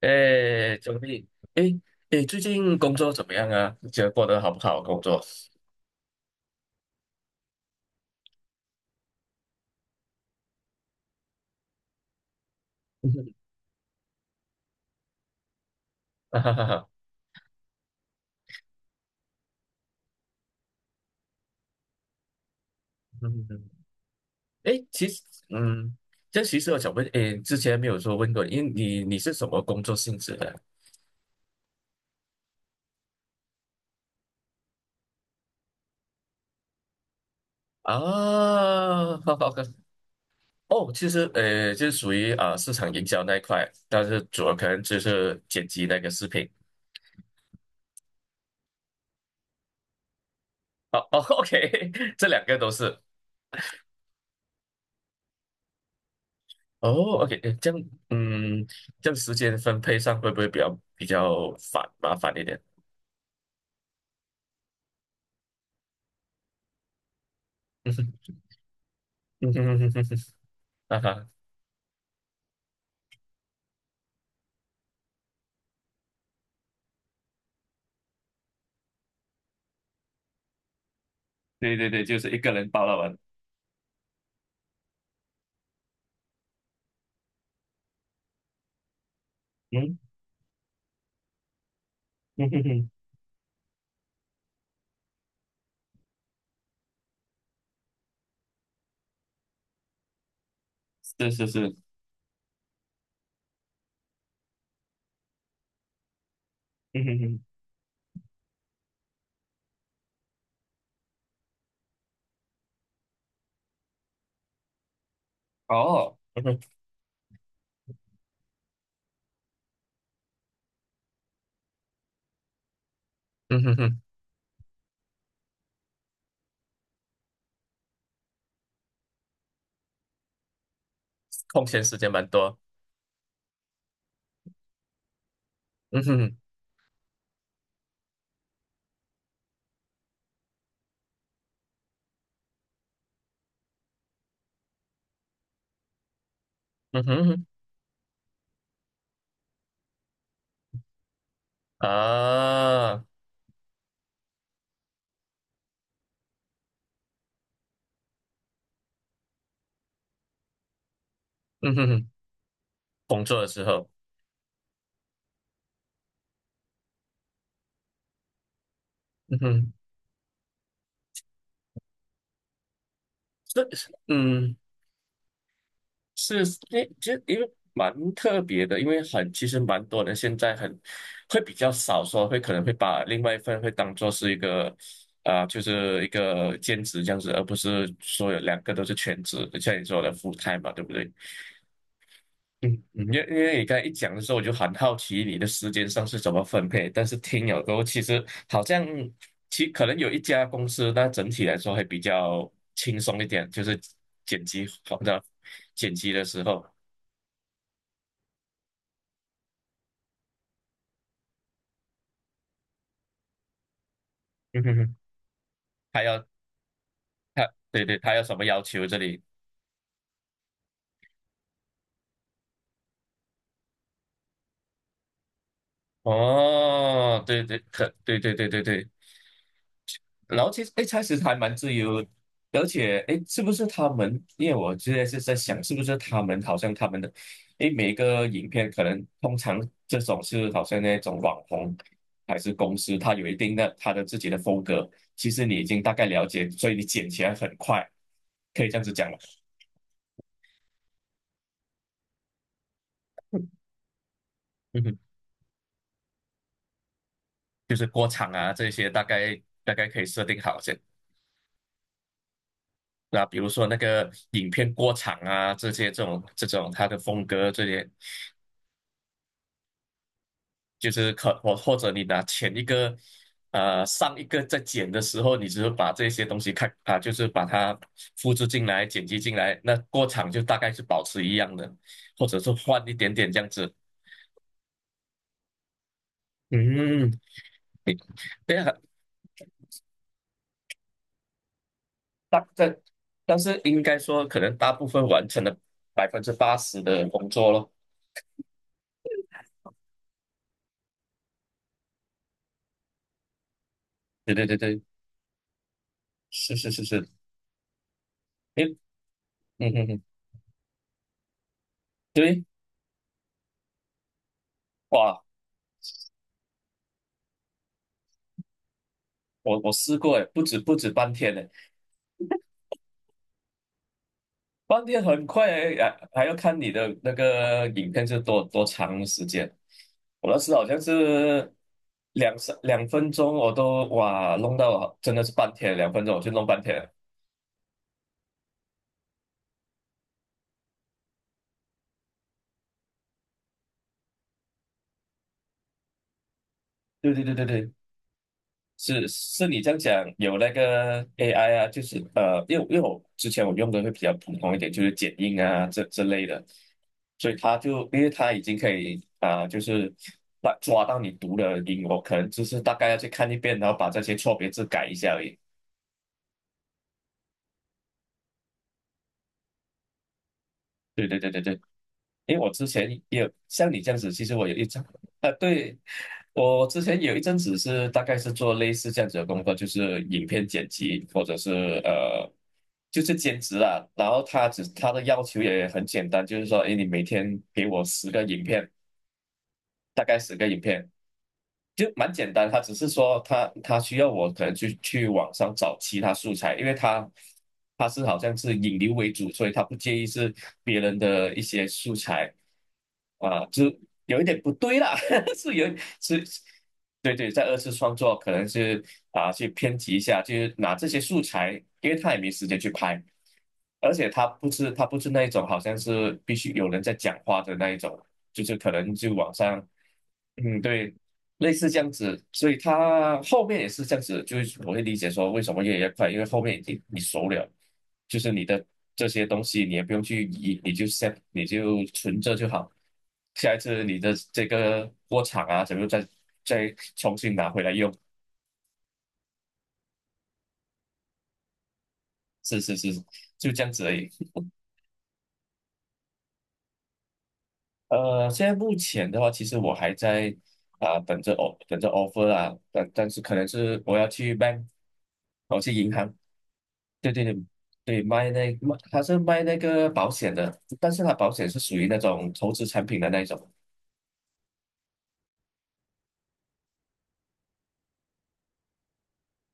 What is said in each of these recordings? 哎，周丽，哎哎，最近工作怎么样啊？你觉得过得好不好？工作？哈哈哈哈。嗯，哎，其实，嗯，这其实我想问，哎，之前没有说问过，因为你是什么工作性质的 啊？好好的哦，其实，就是属于啊、市场营销那一块，但是主要可能就是剪辑那个视频。哦哦，OK，这两个都是。哦，OK，诶这样，嗯，这样时间分配上会不会比较麻烦一点？嗯哼，嗯哼哼哼哼，哈哈，对对对，就是一个人包了完，嗯，嗯哼哼，是是是，嗯哼哼，哦，嗯哼，嗯哼哼，空闲时间蛮多，嗯哼哼，嗯哼哼，啊，嗯哼哼，工作的时候，嗯哼，这，嗯。是，诶，就因为蛮特别的，因为很其实蛮多人现在很会比较少说，可能会把另外一份会当做是一个啊、就是一个兼职这样子，而不是说有两个都是全职，像你说的 full time 嘛，对不对？嗯，嗯因为你刚才一讲的时候，我就很好奇你的时间上是怎么分配，但是听了之后，其实好像可能有一家公司，那整体来说会比较轻松一点，就是剪辑好的剪辑的时候。他要他对对，他要什么要求这里？哦，对对，对对对对对。然后其实哎，开始还蛮自由而且哎，诶是不是他们？因为我现在是在想，是不是他们好像他们的哎，诶每个影片可能通常这种是好像那种网红还是公司，它有一定的它的自己的风格。其实你已经大概了解，所以你剪起来很快，可以这样子讲了。嗯哼，就是过场啊这些，大概可以设定好先。那比如说那个影片过场啊，这些这种它的风格，这些就是或者你拿前一个，上一个在剪的时候，你只是把这些东西看啊，就是把它复制进来、剪辑进来，那过场就大概是保持一样的，或者是换一点点这样子。嗯，你对啊，大但但是应该说，可能大部分完成了80%的工作咯。对对对对，是是是是，诶，嗯嗯嗯，对。哇，我试过诶，不止半天呢，半天很快诶，还要看你的那个影片是多长时间。我那次好像是两分钟，我都哇弄到真的是半天，两分钟我就弄半天了，对对对对对。是是你这样讲，有那个 AI 啊，就是因为我之前我用的会比较普通一点，就是剪映啊这之类的，所以他就因为他已经可以啊、就是把抓到你读的音，我可能就是大概要去看一遍，然后把这些错别字改一下而已。对对对对对。因为我之前也有像你这样子，其实我有一张 啊，对，我之前有一阵子是大概是做类似这样子的工作，就是影片剪辑或者是呃，就是兼职啦。然后他的要求也很简单，就是说，哎，你每天给我十个影片，大概十个影片，就蛮简单，他只是说他需要我可能去网上找其他素材，因为他是好像是引流为主，所以他不介意是别人的一些素材啊，就有一点不对啦，是有是，对对，在二次创作可能是啊去编辑一下，就是拿这些素材，因为他也没时间去拍，而且他不是那一种好像是必须有人在讲话的那一种，就是可能就网上。嗯，对，类似这样子，所以他后面也是这样子，就是我会理解说为什么越来越快，因为后面已经你熟了，就是你的这些东西你也不用去移，你就 set 你就存着就好，下一次你的这个过场啊，怎么再重新拿回来用，是是是，就这样子而已。现在目前的话，其实我还在啊、等着 offer 啊，但是可能是我要去 bank，我去银行。对对对对，卖那卖他是卖那个保险的，但是他保险是属于那种投资产品的那一种，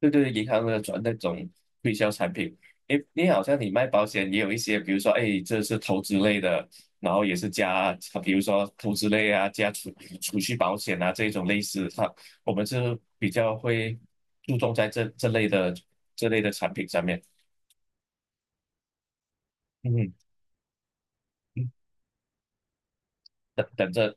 对对，银行的那种推销产品。诶，你好像你卖保险也有一些，比如说，诶，这是投资类的，然后也是加，比如说投资类啊，加储蓄保险啊这一种类似，我们是比较会注重在这类的产品上面。嗯，嗯等着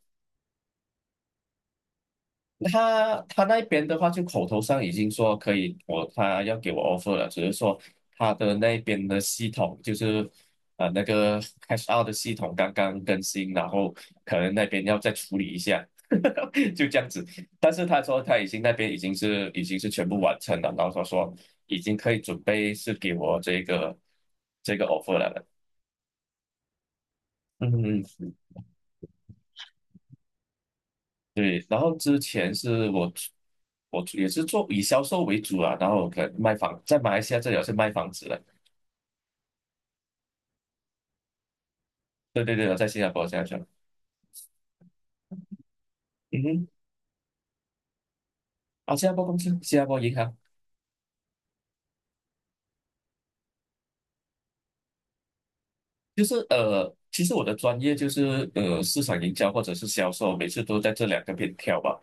他那边的话，就口头上已经说可以，他要给我 offer 了，只是说他的那边的系统就是那个 cash out 的系统刚刚更新，然后可能那边要再处理一下，就这样子。但是他说他已经那边已经是全部完成了，然后他说已经可以准备是给我这个 offer 了。嗯，对，然后之前是我出也是做以销售为主啊，然后我可能卖房，在马来西亚这里我是卖房子的，对对对，我在新加坡，新加坡，嗯哼，啊，新加坡公司，新加坡银行，就是其实我的专业就是市场营销或者是销售，每次都在这两个边跳吧，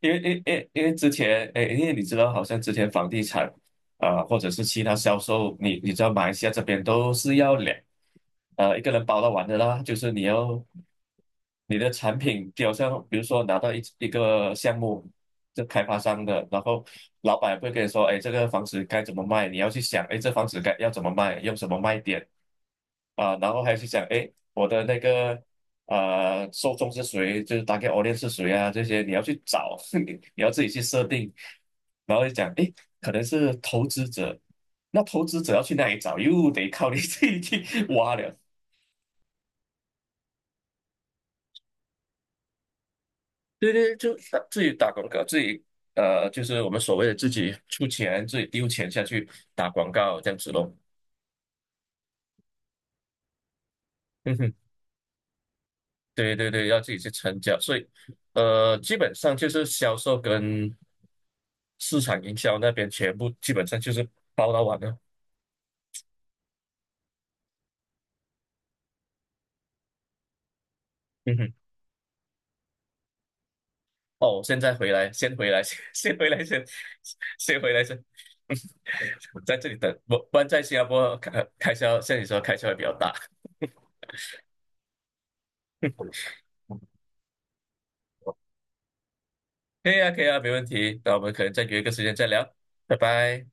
因为之前，哎，因为你知道，好像之前房地产啊、或者是其他销售，你知道马来西亚这边都是要一个人包到完的啦，就是你的产品，就好像比如说拿到一个项目，这开发商的，然后老板会跟你说，哎，这个房子该怎么卖，你要去想，哎，这房子该要怎么卖，用什么卖点啊、然后还要去想，哎，我的那个受众是谁，就是大概 r g e audience 是谁啊，这些你要去找，你要自己去设定，然后就讲，诶，可能是投资者，那投资者要去哪里找，又得靠你 自己去挖了。对对，就打自己打广告，自己就是我们所谓的自己出钱，自己丢钱下去打广告这样子咯。对对对，要自己去成交，所以基本上就是销售跟市场营销那边全部基本上就是包到完了。嗯哼，哦，现在回来，先回来，先回来，先回来，先在这里等。不然在新加坡开销，像你说开销会比较大。可以啊，可以啊，没问题。那我们可能再约一个时间再聊，拜拜。